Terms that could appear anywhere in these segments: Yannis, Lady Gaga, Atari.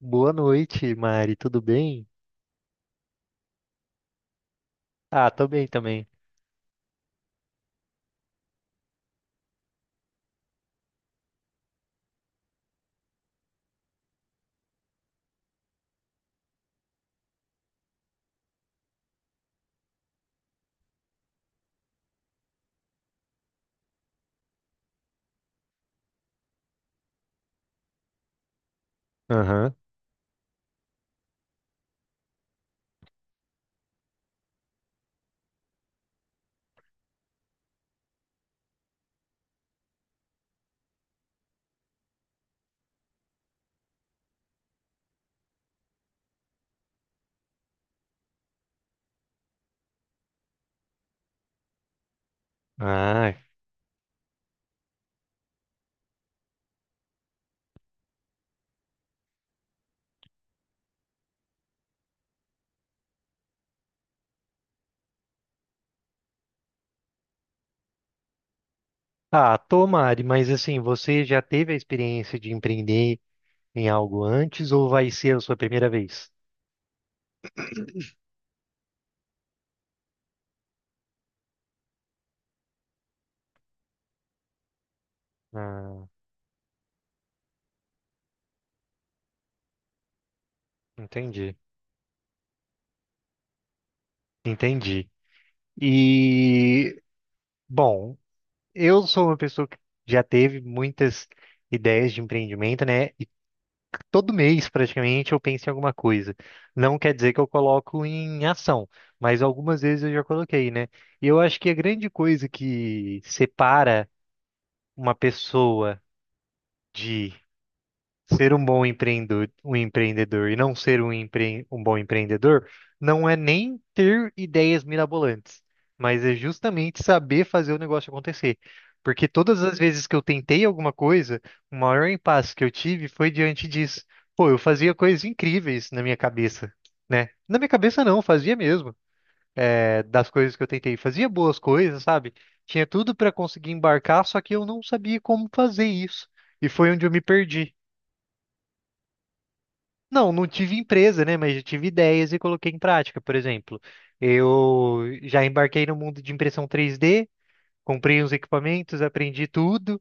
Boa noite, Mari. Tudo bem? Ah, tô bem também. Aham. Ah. Ah, tô, Mari, mas assim, você já teve a experiência de empreender em algo antes ou vai ser a sua primeira vez? Ah, entendi. Entendi. E, bom, eu sou uma pessoa que já teve muitas ideias de empreendimento, né? Todo mês praticamente eu penso em alguma coisa. Não quer dizer que eu coloco em ação, mas algumas vezes eu já coloquei, né? E eu acho que a grande coisa que separa uma pessoa de ser um bom empreendedor, um empreendedor e não ser um, empre, um bom empreendedor não é nem ter ideias mirabolantes, mas é justamente saber fazer o negócio acontecer. Porque todas as vezes que eu tentei alguma coisa, o maior impasse que eu tive foi diante disso. Pô, eu fazia coisas incríveis na minha cabeça, né? Na minha cabeça não, fazia mesmo. É, das coisas que eu tentei, fazia boas coisas, sabe? Tinha tudo para conseguir embarcar, só que eu não sabia como fazer isso. E foi onde eu me perdi. Não, não tive empresa, né? Mas eu tive ideias e coloquei em prática. Por exemplo, eu já embarquei no mundo de impressão 3D, comprei uns equipamentos, aprendi tudo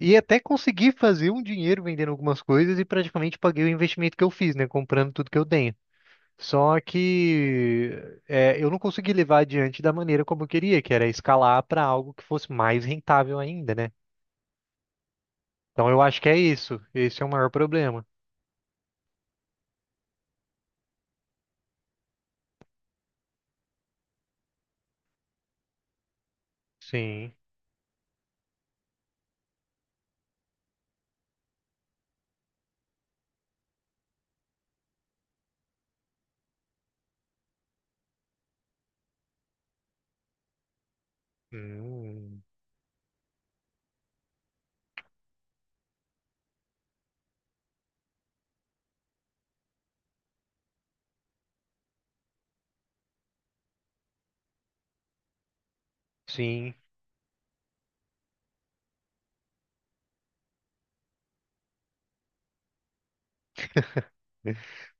e até consegui fazer um dinheiro vendendo algumas coisas e praticamente paguei o investimento que eu fiz, né? Comprando tudo que eu tenho. Só que eu não consegui levar adiante da maneira como eu queria, que era escalar para algo que fosse mais rentável ainda, né? Então eu acho que é isso. Esse é o maior problema. Sim. Hum, sim.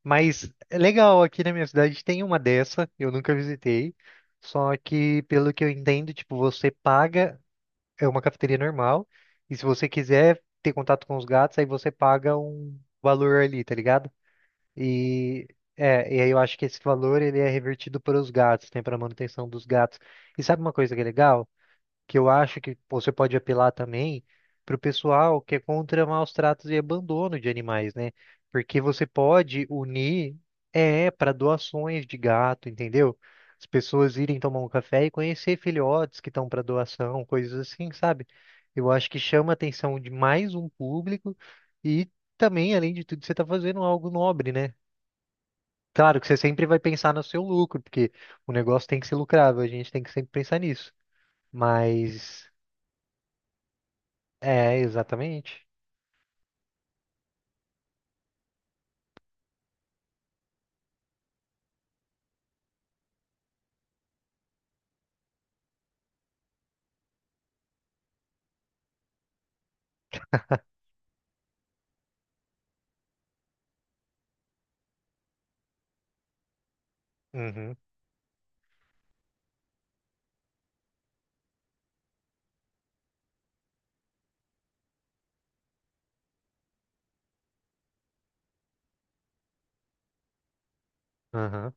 Mas é legal, aqui na minha cidade tem uma dessa, eu nunca visitei. Só que, pelo que eu entendo, tipo, você paga, é uma cafeteria normal, e se você quiser ter contato com os gatos, aí você paga um valor ali, tá ligado? E e aí eu acho que esse valor ele é revertido para os gatos, tem para manutenção dos gatos. E sabe uma coisa que é legal? Que eu acho que você pode apelar também para o pessoal que é contra maus tratos e abandono de animais, né? Porque você pode unir para doações de gato, entendeu? As pessoas irem tomar um café e conhecer filhotes que estão para doação, coisas assim, sabe? Eu acho que chama a atenção de mais um público e também, além de tudo, você está fazendo algo nobre, né? Claro que você sempre vai pensar no seu lucro, porque o negócio tem que ser lucrável, a gente tem que sempre pensar nisso. Mas é, exatamente. Uhum, aham,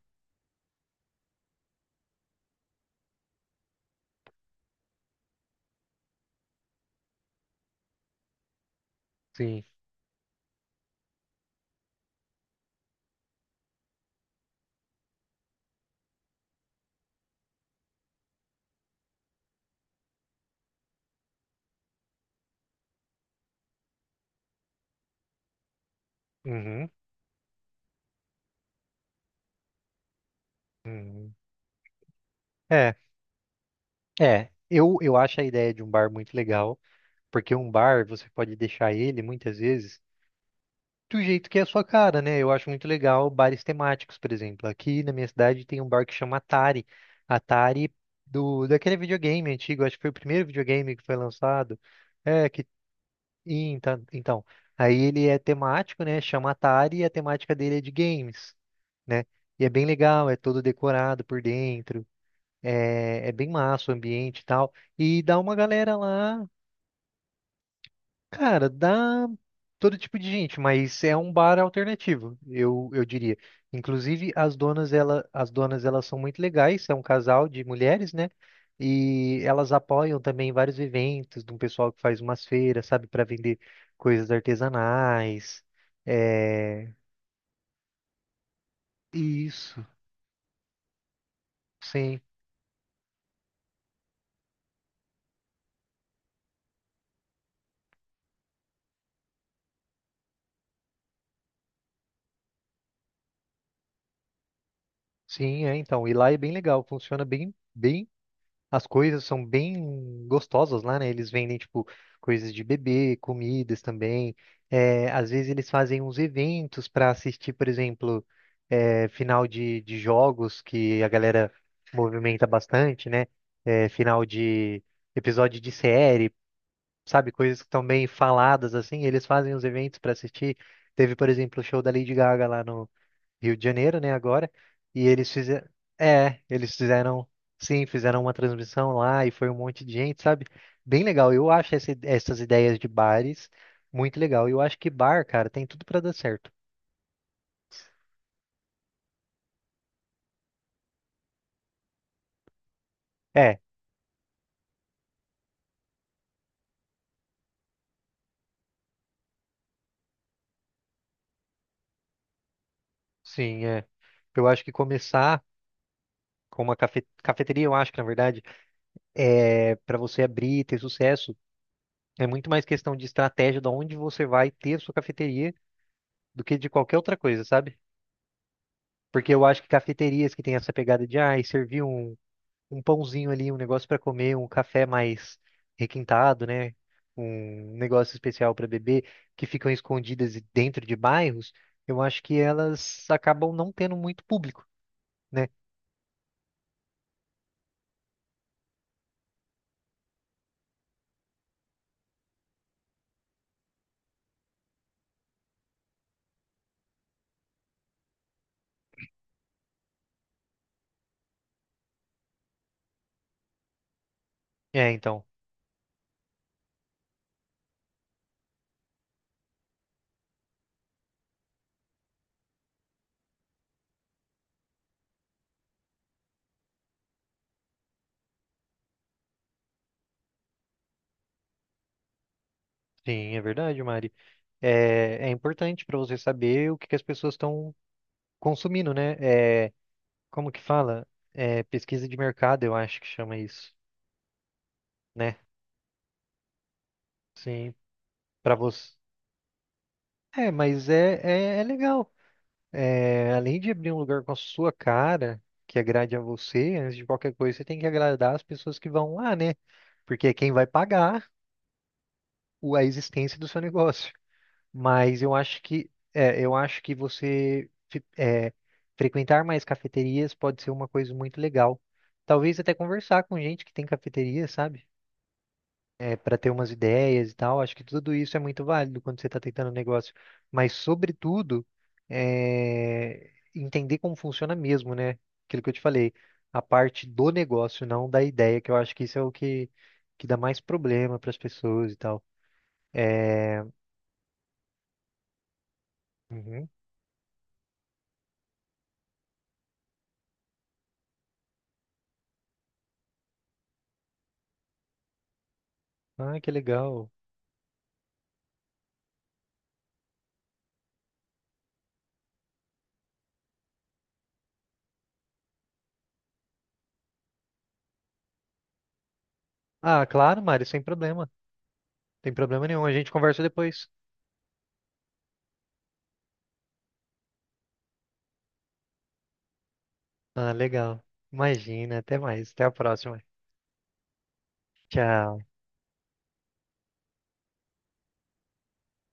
sim. Uhum, uhum. É, é. Eu acho a ideia de um bar muito legal, porque um bar você pode deixar ele muitas vezes do jeito que é a sua cara, né? Eu acho muito legal bares temáticos, por exemplo. Aqui na minha cidade tem um bar que chama Atari. Atari do Daquele videogame antigo, acho que foi o primeiro videogame que foi lançado. É, que Então, aí ele é temático, né? Chama Atari e a temática dele é de games. Né? E é bem legal, é todo decorado por dentro, é bem massa o ambiente e tal. E dá uma galera lá, cara, dá todo tipo de gente, mas é um bar alternativo, eu diria. Inclusive, as donas, elas são muito legais, é um casal de mulheres, né? E elas apoiam também vários eventos, de um pessoal que faz umas feiras, sabe, para vender coisas artesanais. É... Isso, sim. Sim, é, então. E lá é bem legal, funciona bem, bem. As coisas são bem gostosas lá, né? Eles vendem, tipo, coisas de bebê, comidas também. É, às vezes eles fazem uns eventos para assistir, por exemplo, é, final de jogos que a galera movimenta bastante, né? É, final de episódio de série, sabe? Coisas que estão bem faladas, assim. Eles fazem os eventos para assistir. Teve, por exemplo, o show da Lady Gaga lá no Rio de Janeiro, né, agora, e eles fizeram, é, eles fizeram, sim, fizeram uma transmissão lá e foi um monte de gente, sabe? Bem legal. Eu acho essas ideias de bares muito legal. Eu acho que bar, cara, tem tudo pra dar certo. É, sim, é. Eu acho que começar com uma cafeteria, eu acho que na verdade é para você abrir e ter sucesso, é muito mais questão de estratégia de onde você vai ter a sua cafeteria do que de qualquer outra coisa, sabe? Porque eu acho que cafeterias que têm essa pegada de, ah, servir um pãozinho ali, um negócio para comer, um café mais requintado, né? Um negócio especial para beber, que ficam escondidas e dentro de bairros, eu acho que elas acabam não tendo muito público, né? É, então, sim, é verdade, Mari. É, é importante para você saber o que que as pessoas estão consumindo, né? É, como que fala? É, pesquisa de mercado, eu acho que chama isso, né? Sim, para você. É, mas é legal. É, além de abrir um lugar com a sua cara, que agrade a você, antes de qualquer coisa, você tem que agradar as pessoas que vão lá, né? Porque é quem vai pagar a existência do seu negócio. Mas eu acho que, eu acho que frequentar mais cafeterias pode ser uma coisa muito legal. Talvez até conversar com gente que tem cafeteria, sabe? É, para ter umas ideias e tal. Acho que tudo isso é muito válido quando você está tentando um negócio, mas sobretudo entender como funciona mesmo, né? Aquilo que eu te falei, a parte do negócio, não da ideia, que eu acho que isso é o que dá mais problema para as pessoas e tal. Eh, Uhum. Ah, que legal. Ah, claro, Mário, sem problema. Tem problema nenhum. A gente conversa depois. Ah, legal. Imagina, até mais. Até a próxima. Tchau.